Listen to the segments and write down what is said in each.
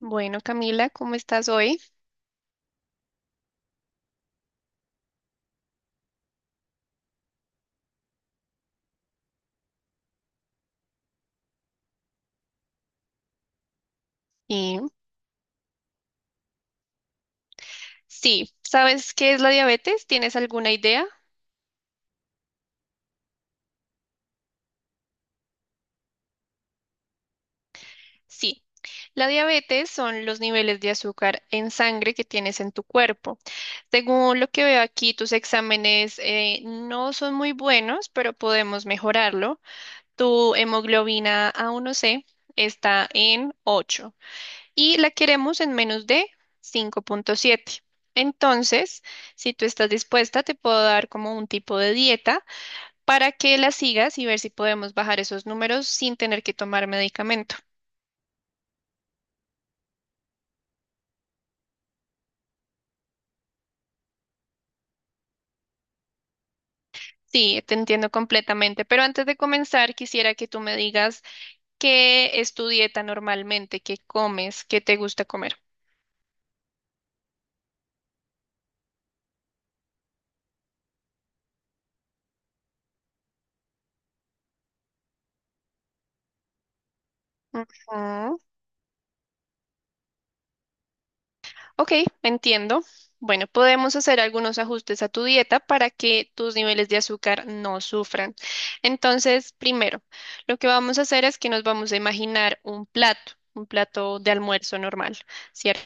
Bueno, Camila, ¿cómo estás hoy? Y sí, ¿sabes qué es la diabetes? ¿Tienes alguna idea? Sí, la diabetes son los niveles de azúcar en sangre que tienes en tu cuerpo. Según lo que veo aquí, tus exámenes no son muy buenos, pero podemos mejorarlo. Tu hemoglobina A1C está en 8 y la queremos en menos de 5,7. Entonces, si tú estás dispuesta, te puedo dar como un tipo de dieta para que las sigas y ver si podemos bajar esos números sin tener que tomar medicamento. Sí, te entiendo completamente, pero antes de comenzar quisiera que tú me digas qué es tu dieta normalmente, qué comes, qué te gusta comer. Ujú. Ok, entiendo. Bueno, podemos hacer algunos ajustes a tu dieta para que tus niveles de azúcar no sufran. Entonces, primero, lo que vamos a hacer es que nos vamos a imaginar un plato de almuerzo normal, ¿cierto?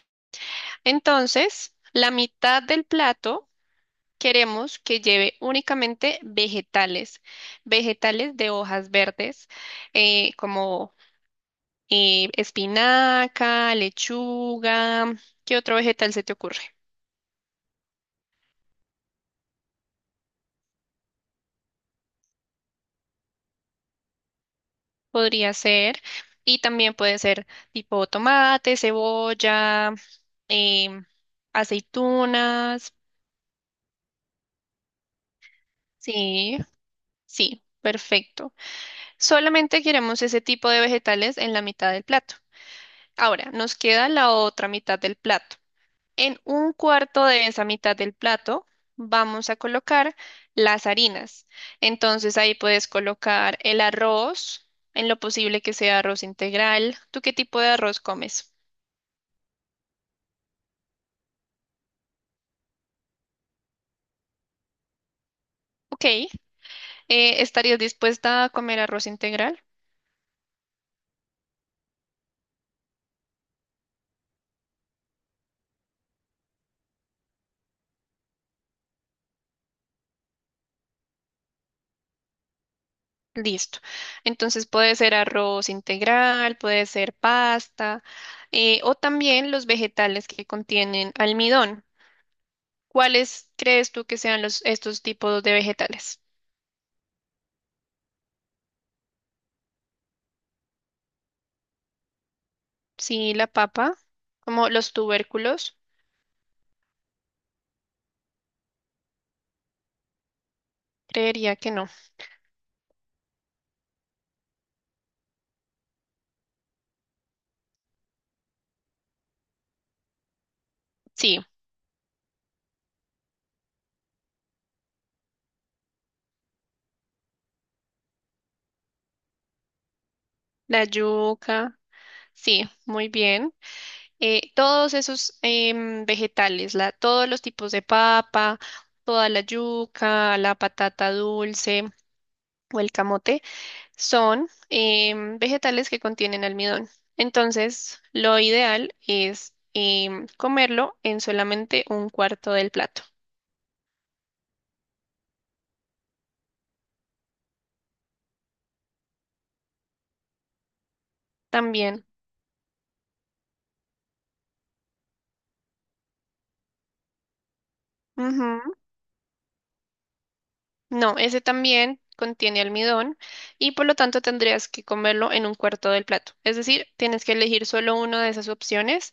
Entonces, la mitad del plato queremos que lleve únicamente vegetales, vegetales de hojas verdes, como espinaca, lechuga. ¿Qué otro vegetal se te ocurre? Podría ser, y también puede ser tipo tomate, cebolla, em, aceitunas. Sí, sí, perfecto. Solamente queremos ese tipo de vegetales en la mitad del plato. Ahora, nos queda la otra mitad del plato. En un cuarto de esa mitad del plato vamos a colocar las harinas. Entonces ahí puedes colocar el arroz, en lo posible que sea arroz integral. ¿Tú qué tipo de arroz comes? Ok, ¿estarías dispuesta a comer arroz integral? Listo. Entonces puede ser arroz integral, puede ser pasta, o también los vegetales que contienen almidón. ¿Cuáles crees tú que sean estos tipos de vegetales? Sí, la papa, como los tubérculos, creería que no. Sí, la yuca, sí, muy bien. Todos esos vegetales, todos los tipos de papa, toda la yuca, la patata dulce o el camote, son vegetales que contienen almidón. Entonces, lo ideal es comerlo en solamente un cuarto del plato. También. Ujú. No, ese también contiene almidón y por lo tanto tendrías que comerlo en un cuarto del plato. Es decir, tienes que elegir solo una de esas opciones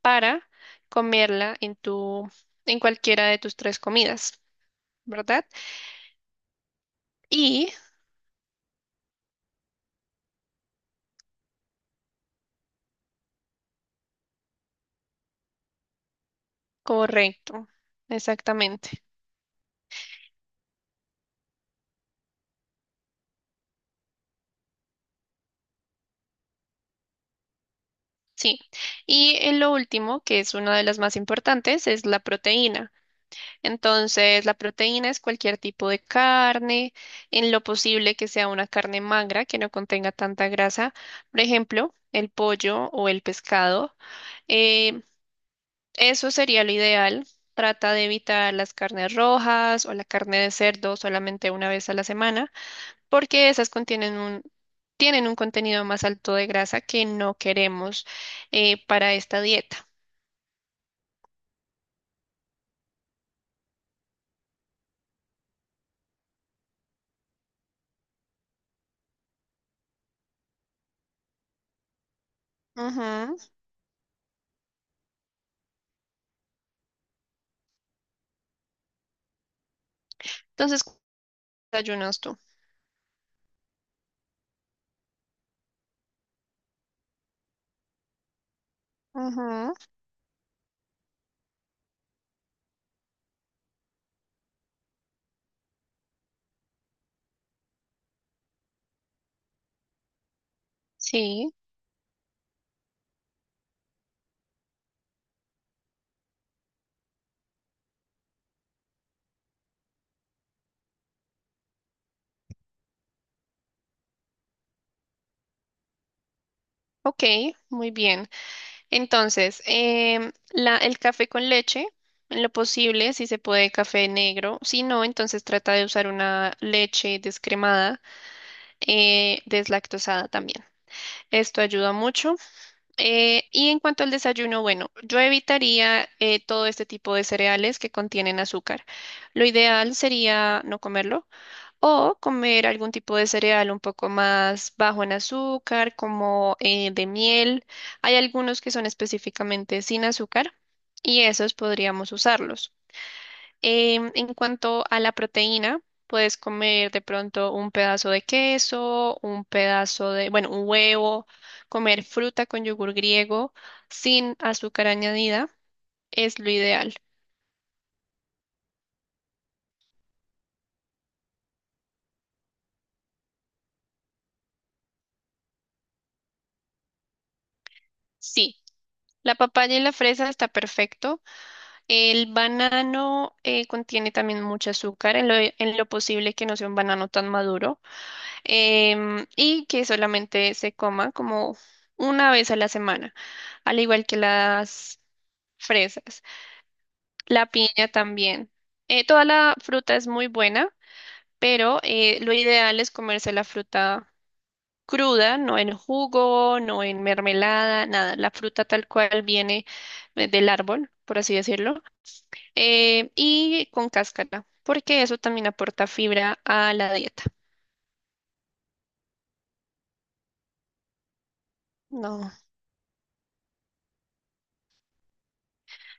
para comerla en cualquiera de tus tres comidas, ¿verdad? Y correcto, exactamente. Sí. Y en lo último, que es una de las más importantes, es la proteína. Entonces, la proteína es cualquier tipo de carne, en lo posible que sea una carne magra que no contenga tanta grasa, por ejemplo, el pollo o el pescado. Eh, Eso sería lo ideal. Trata de evitar las carnes rojas o la carne de cerdo solamente una vez a la semana, porque esas tienen un contenido más alto de grasa que no queremos para esta dieta. Ujú. Entonces, ¿qué desayunas tú? Ujú. Sí. Ok, muy bien. Entonces, el café con leche, en lo posible, si se puede, café negro. Si no, entonces trata de usar una leche descremada, deslactosada también. Esto ayuda mucho. Y en cuanto al desayuno, bueno, yo evitaría todo este tipo de cereales que contienen azúcar. Lo ideal sería no comerlo. O comer algún tipo de cereal un poco más bajo en azúcar, como de miel. Hay algunos que son específicamente sin azúcar y esos podríamos usarlos. En cuanto a la proteína, puedes comer de pronto un pedazo de queso, un pedazo de, bueno, un huevo, comer fruta con yogur griego sin azúcar añadida, es lo ideal. Sí, la papaya y la fresa está perfecto. El banano contiene también mucho azúcar, en lo posible que no sea un banano tan maduro y que solamente se coma como una vez a la semana, al igual que las fresas. La piña también. Toda la fruta es muy buena, pero lo ideal es comerse la fruta cruda, no en jugo, no en mermelada, nada. La fruta tal cual viene del árbol, por así decirlo y con cáscara, porque eso también aporta fibra a la dieta. No,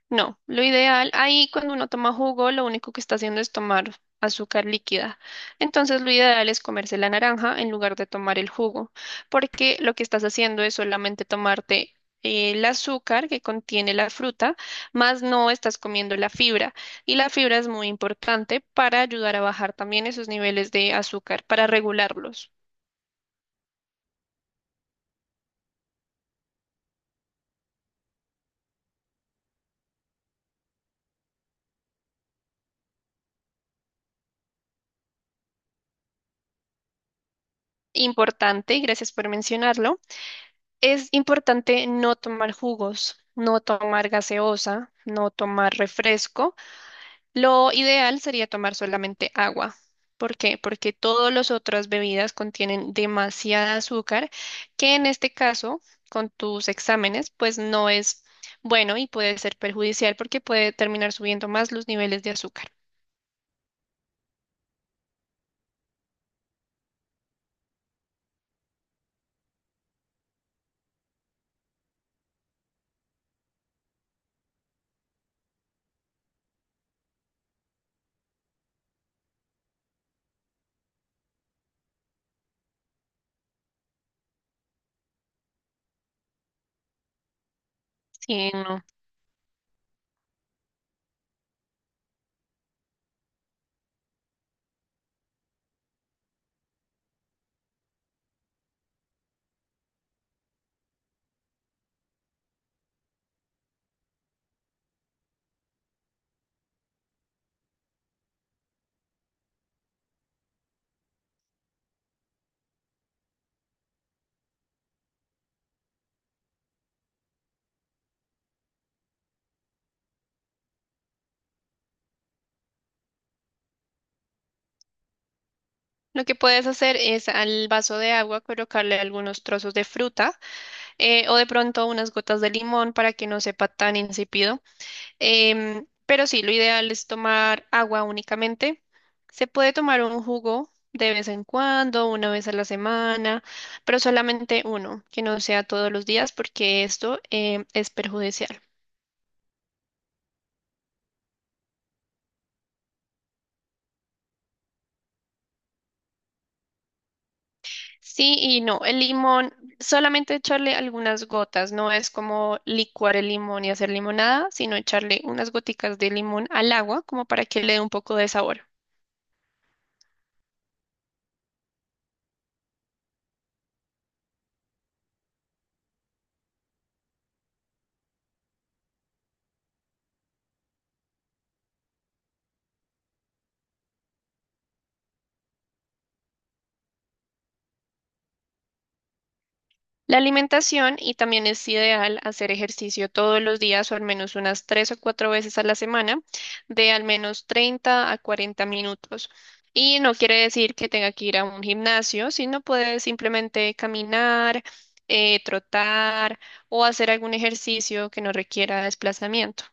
no, lo ideal ahí cuando uno toma jugo, lo único que está haciendo es tomar azúcar líquida. Entonces lo ideal es comerse la naranja en lugar de tomar el jugo, porque lo que estás haciendo es solamente tomarte el azúcar que contiene la fruta, más no estás comiendo la fibra. Y la fibra es muy importante para ayudar a bajar también esos niveles de azúcar, para regularlos. Importante, y gracias por mencionarlo, es importante no tomar jugos, no tomar gaseosa, no tomar refresco. Lo ideal sería tomar solamente agua. ¿Por qué? Porque todas las otras bebidas contienen demasiada azúcar, que en este caso, con tus exámenes, pues no es bueno y puede ser perjudicial porque puede terminar subiendo más los niveles de azúcar. Sí, no. Lo que puedes hacer es al vaso de agua colocarle algunos trozos de fruta o de pronto unas gotas de limón para que no sepa tan insípido. Pero sí, lo ideal es tomar agua únicamente. Se puede tomar un jugo de vez en cuando, una vez a la semana, pero solamente uno, que no sea todos los días, porque esto es perjudicial. Sí y no, el limón, solamente echarle algunas gotas, no es como licuar el limón y hacer limonada, sino echarle unas goticas de limón al agua como para que le dé un poco de sabor. La alimentación y también es ideal hacer ejercicio todos los días o al menos unas 3 o 4 veces a la semana de al menos 30 a 40 minutos. Y no quiere decir que tenga que ir a un gimnasio, sino puede simplemente caminar, trotar o hacer algún ejercicio que no requiera desplazamiento.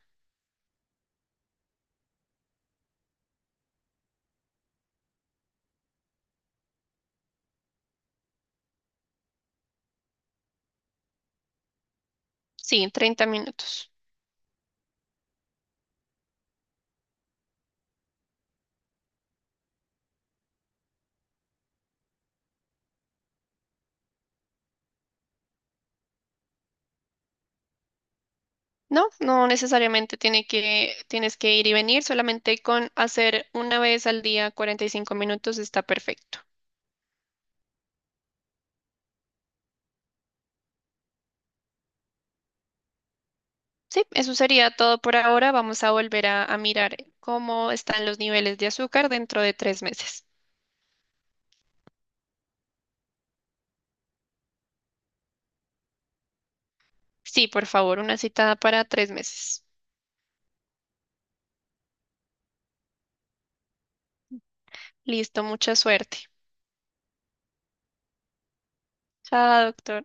Sí, 30 minutos. No, no necesariamente tienes que ir y venir, solamente con hacer una vez al día 45 minutos está perfecto. Sí, eso sería todo por ahora. Vamos a volver a mirar cómo están los niveles de azúcar dentro de 3 meses. Sí, por favor, una citada para 3 meses. Listo, mucha suerte. Chao, doctor.